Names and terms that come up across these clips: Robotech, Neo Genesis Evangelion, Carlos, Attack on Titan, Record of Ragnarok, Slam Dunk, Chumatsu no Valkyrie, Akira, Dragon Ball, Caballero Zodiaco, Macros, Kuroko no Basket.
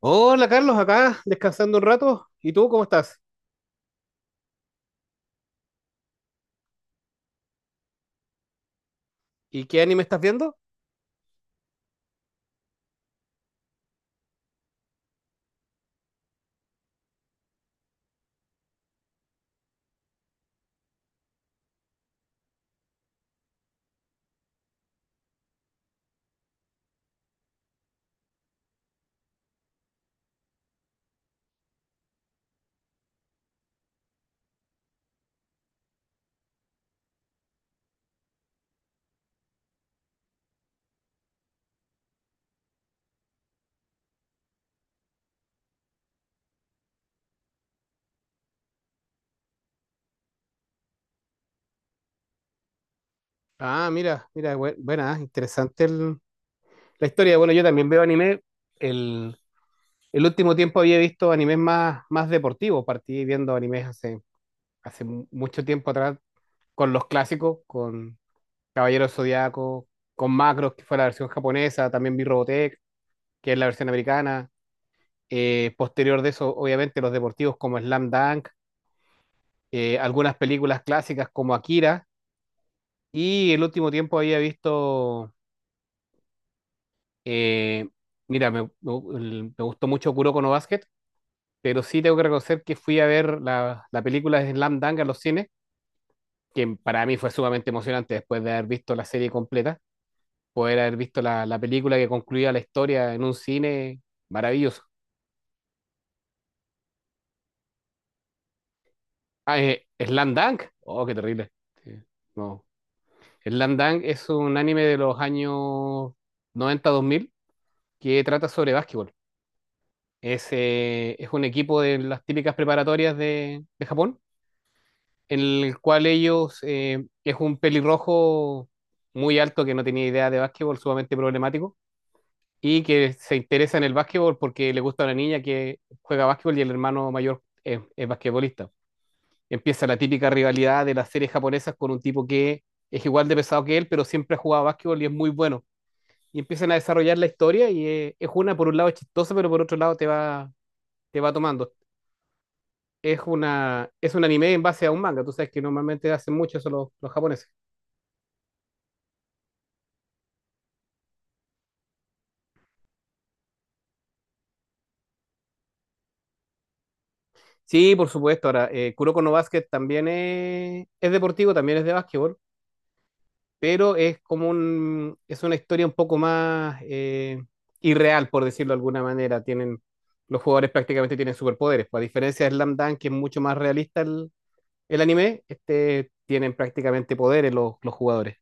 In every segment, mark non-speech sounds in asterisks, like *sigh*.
Hola Carlos, acá descansando un rato. ¿Y tú cómo estás? ¿Y qué anime estás viendo? Ah, mira, mira, buena, interesante la historia. Bueno, yo también veo anime. El, el último tiempo había visto animes más deportivos. Partí viendo animes hace mucho tiempo atrás con los clásicos, con Caballero Zodiaco, con Macros, que fue la versión japonesa. También vi Robotech, que es la versión americana. Posterior de eso, obviamente, los deportivos como Slam Dunk, algunas películas clásicas como Akira. Y el último tiempo había visto, eh, mira, me- el- me gustó mucho Kuroko no Basket, pero sí tengo que reconocer que fui a ver la película de Slam Dunk en los cines, que para mí fue sumamente emocionante después de haber visto la serie completa, poder haber visto la película que concluía la historia en un cine maravilloso. Slam Dunk, oh, qué terrible. Sí. No. Slam Dunk es un anime de los años noventa dos mil que trata sobre básquetbol. Es un equipo de las típicas preparatorias de Japón, en el cual ellos, es un pelirrojo muy alto que no tenía idea de básquetbol, sumamente problemático, y que se interesa en el básquetbol porque le gusta a una niña que juega básquetbol y el hermano mayor es basquetbolista. Empieza la típica rivalidad de las series japonesas con un tipo que es igual de pesado que él, pero siempre ha jugado básquetbol y es muy bueno. Y empiezan a desarrollar la historia y es una, por un lado, es chistosa, pero por otro lado te va tomando. Es un anime en base a un manga. Tú sabes que normalmente hacen mucho eso los japoneses. Sí, por supuesto. Ahora, Kuroko no Basket también es deportivo, también es de básquetbol, pero es como es una historia un poco más irreal, por decirlo de alguna manera. Tienen, los jugadores prácticamente tienen superpoderes. Pues, a diferencia de Slam Dunk, que es mucho más realista el anime, este tienen prácticamente poderes los jugadores.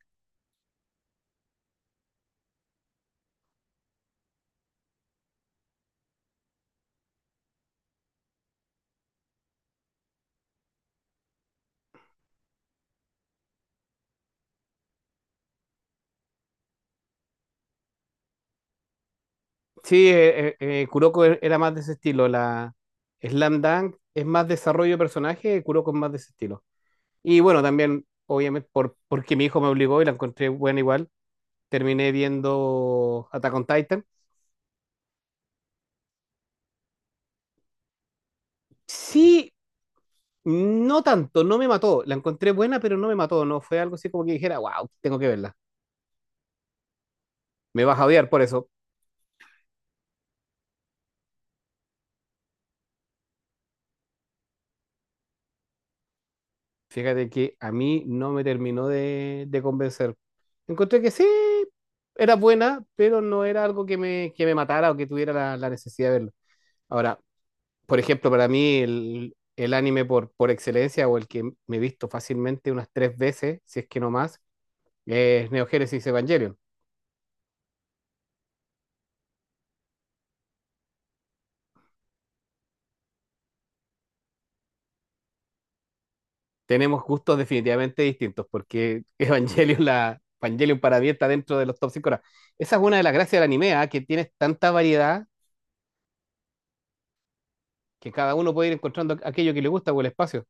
Sí, Kuroko era más de ese estilo. La Slam Dunk es más desarrollo de personaje, Kuroko es más de ese estilo. Y bueno, también, obviamente, porque mi hijo me obligó y la encontré buena igual, terminé viendo Attack on Titan. Sí, no tanto, no me mató. La encontré buena, pero no me mató. No fue algo así como que dijera, wow, tengo que verla. Me vas a odiar por eso. Fíjate que a mí no me terminó de convencer. Encontré que sí, era buena, pero no era algo que que me matara o que tuviera la necesidad de verlo. Ahora, por ejemplo, para mí el anime por excelencia o el que me he visto fácilmente unas tres veces, si es que no más, es Neo Genesis Evangelion. Tenemos gustos definitivamente distintos porque *laughs* Evangelion para mí está dentro de los top 5. Esa es una de las gracias del anime, ¿ah? Que tienes tanta variedad que cada uno puede ir encontrando aquello que le gusta o el espacio.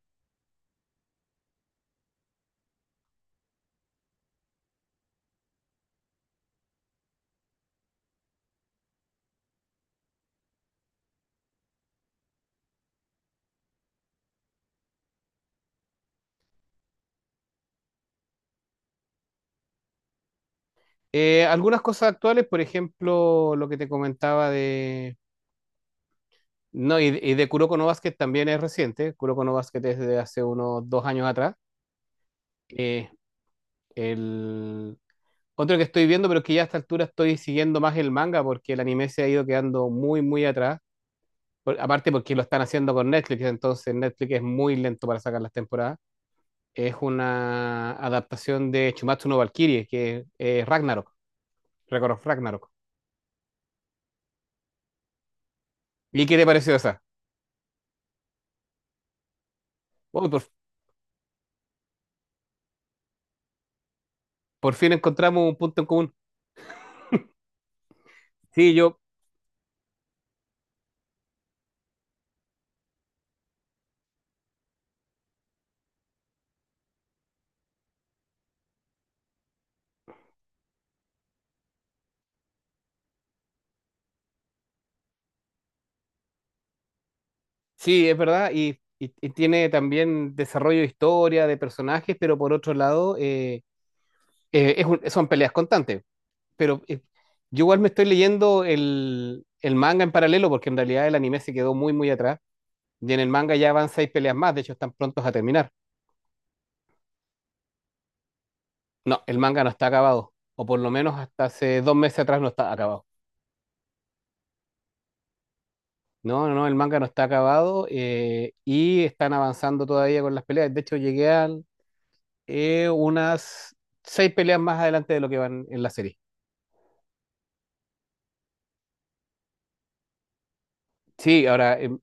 Algunas cosas actuales, por ejemplo, lo que te comentaba de... No, y de Kuroko no Basket también es reciente. Kuroko no Basket es de hace unos 2 años atrás. Eh, el... Otro que estoy viendo, pero que ya a esta altura estoy siguiendo más el manga porque el anime se ha ido quedando muy atrás. Aparte porque lo están haciendo con Netflix, entonces Netflix es muy lento para sacar las temporadas. Es una adaptación de Chumatsu no Valkyrie, que es Ragnarok, Record of Ragnarok. ¿Y qué te pareció esa? Oh, por fin encontramos un punto en común. Sí, yo, sí, es verdad, y tiene también desarrollo de historia, de personajes, pero por otro lado, es son peleas constantes. Pero yo igual me estoy leyendo el manga en paralelo, porque en realidad el anime se quedó muy atrás, y en el manga ya van 6 peleas más, de hecho están prontos a terminar. No, el manga no está acabado, o por lo menos hasta hace 2 meses atrás no está acabado. No, el manga no está acabado y están avanzando todavía con las peleas. De hecho, llegué a unas 6 peleas más adelante de lo que van en la serie. Sí, ahora,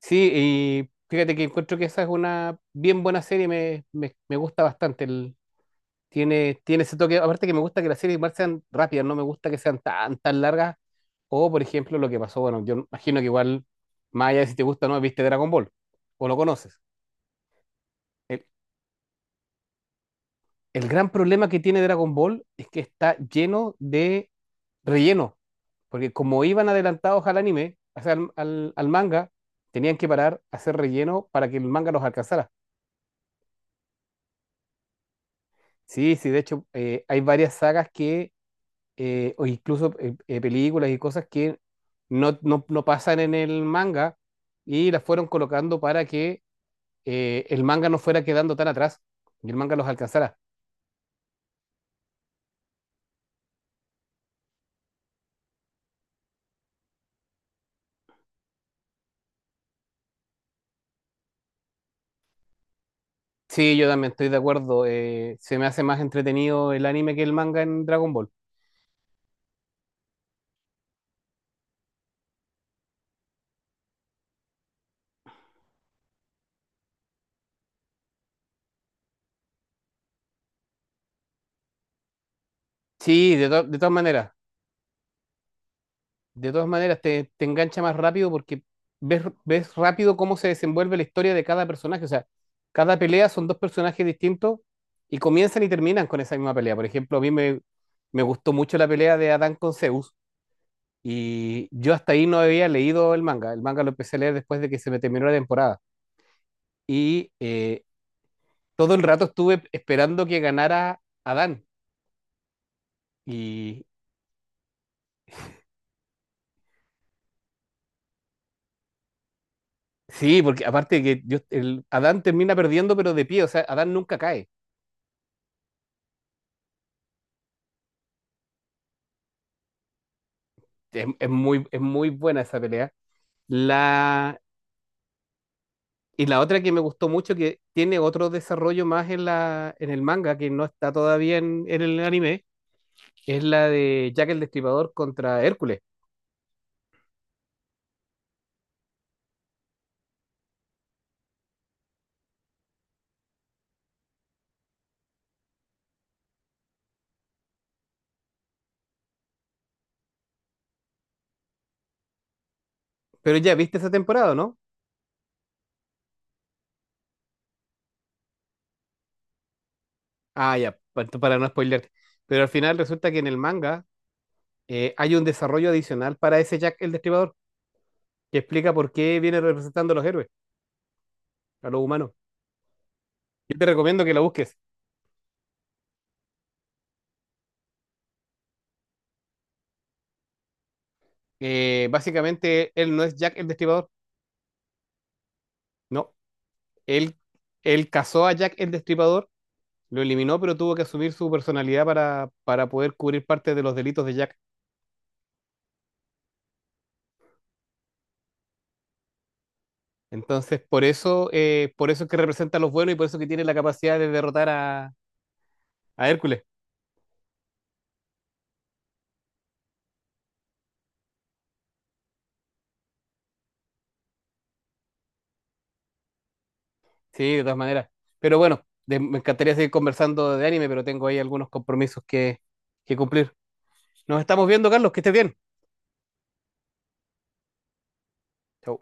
sí, y fíjate que encuentro que esa es una bien buena serie, me gusta bastante. Tiene, tiene ese toque, aparte que me gusta que las series igual sean rápidas, no me gusta que sean tan largas. O, por ejemplo, lo que pasó, bueno, yo imagino que igual, más allá de si te gusta o no, viste Dragon Ball o lo conoces. El- El gran problema que tiene Dragon Ball es que está lleno de relleno, porque como iban adelantados al anime, o sea, al manga, tenían que parar, a hacer relleno para que el manga los alcanzara. Sí, sí, de hecho, hay varias sagas que, o incluso películas y cosas que no pasan en el manga y las fueron colocando para que el manga no fuera quedando tan atrás y el manga los alcanzara. Sí, yo también estoy de acuerdo. Se me hace más entretenido el anime que el manga en Dragon Ball. Sí, de todas maneras. De todas maneras, te engancha más rápido porque ves rápido cómo se desenvuelve la historia de cada personaje. O sea, cada pelea son dos personajes distintos y comienzan y terminan con esa misma pelea. Por ejemplo, me gustó mucho la pelea de Adán con Zeus y yo hasta ahí no había leído el manga. El manga lo empecé a leer después de que se me terminó la temporada. Y todo el rato estuve esperando que ganara Adán. Y sí, porque aparte que Adán termina perdiendo, pero de pie, o sea, Adán nunca cae. Es es muy buena esa pelea. La, y la otra que me gustó mucho, que tiene otro desarrollo más en el manga, que no está todavía en el anime, es la de Jack el Destripador contra Hércules. Pero ya viste esa temporada, ¿no? Ah, ya, para no spoilearte. Pero al final resulta que en el manga hay un desarrollo adicional para ese Jack el Destripador, que explica por qué viene representando a los héroes, a los humanos. Yo te recomiendo que la busques. Básicamente, él no es Jack el Destripador. No, él, él casó a Jack el Destripador, lo eliminó, pero tuvo que asumir su personalidad para poder cubrir parte de los delitos de Jack. Entonces, por eso es que representa a los buenos y por eso que tiene la capacidad de derrotar a Hércules. Sí, de todas maneras. Pero bueno, me encantaría seguir conversando de anime, pero tengo ahí algunos compromisos que cumplir. Nos estamos viendo, Carlos, que estés bien. Chau.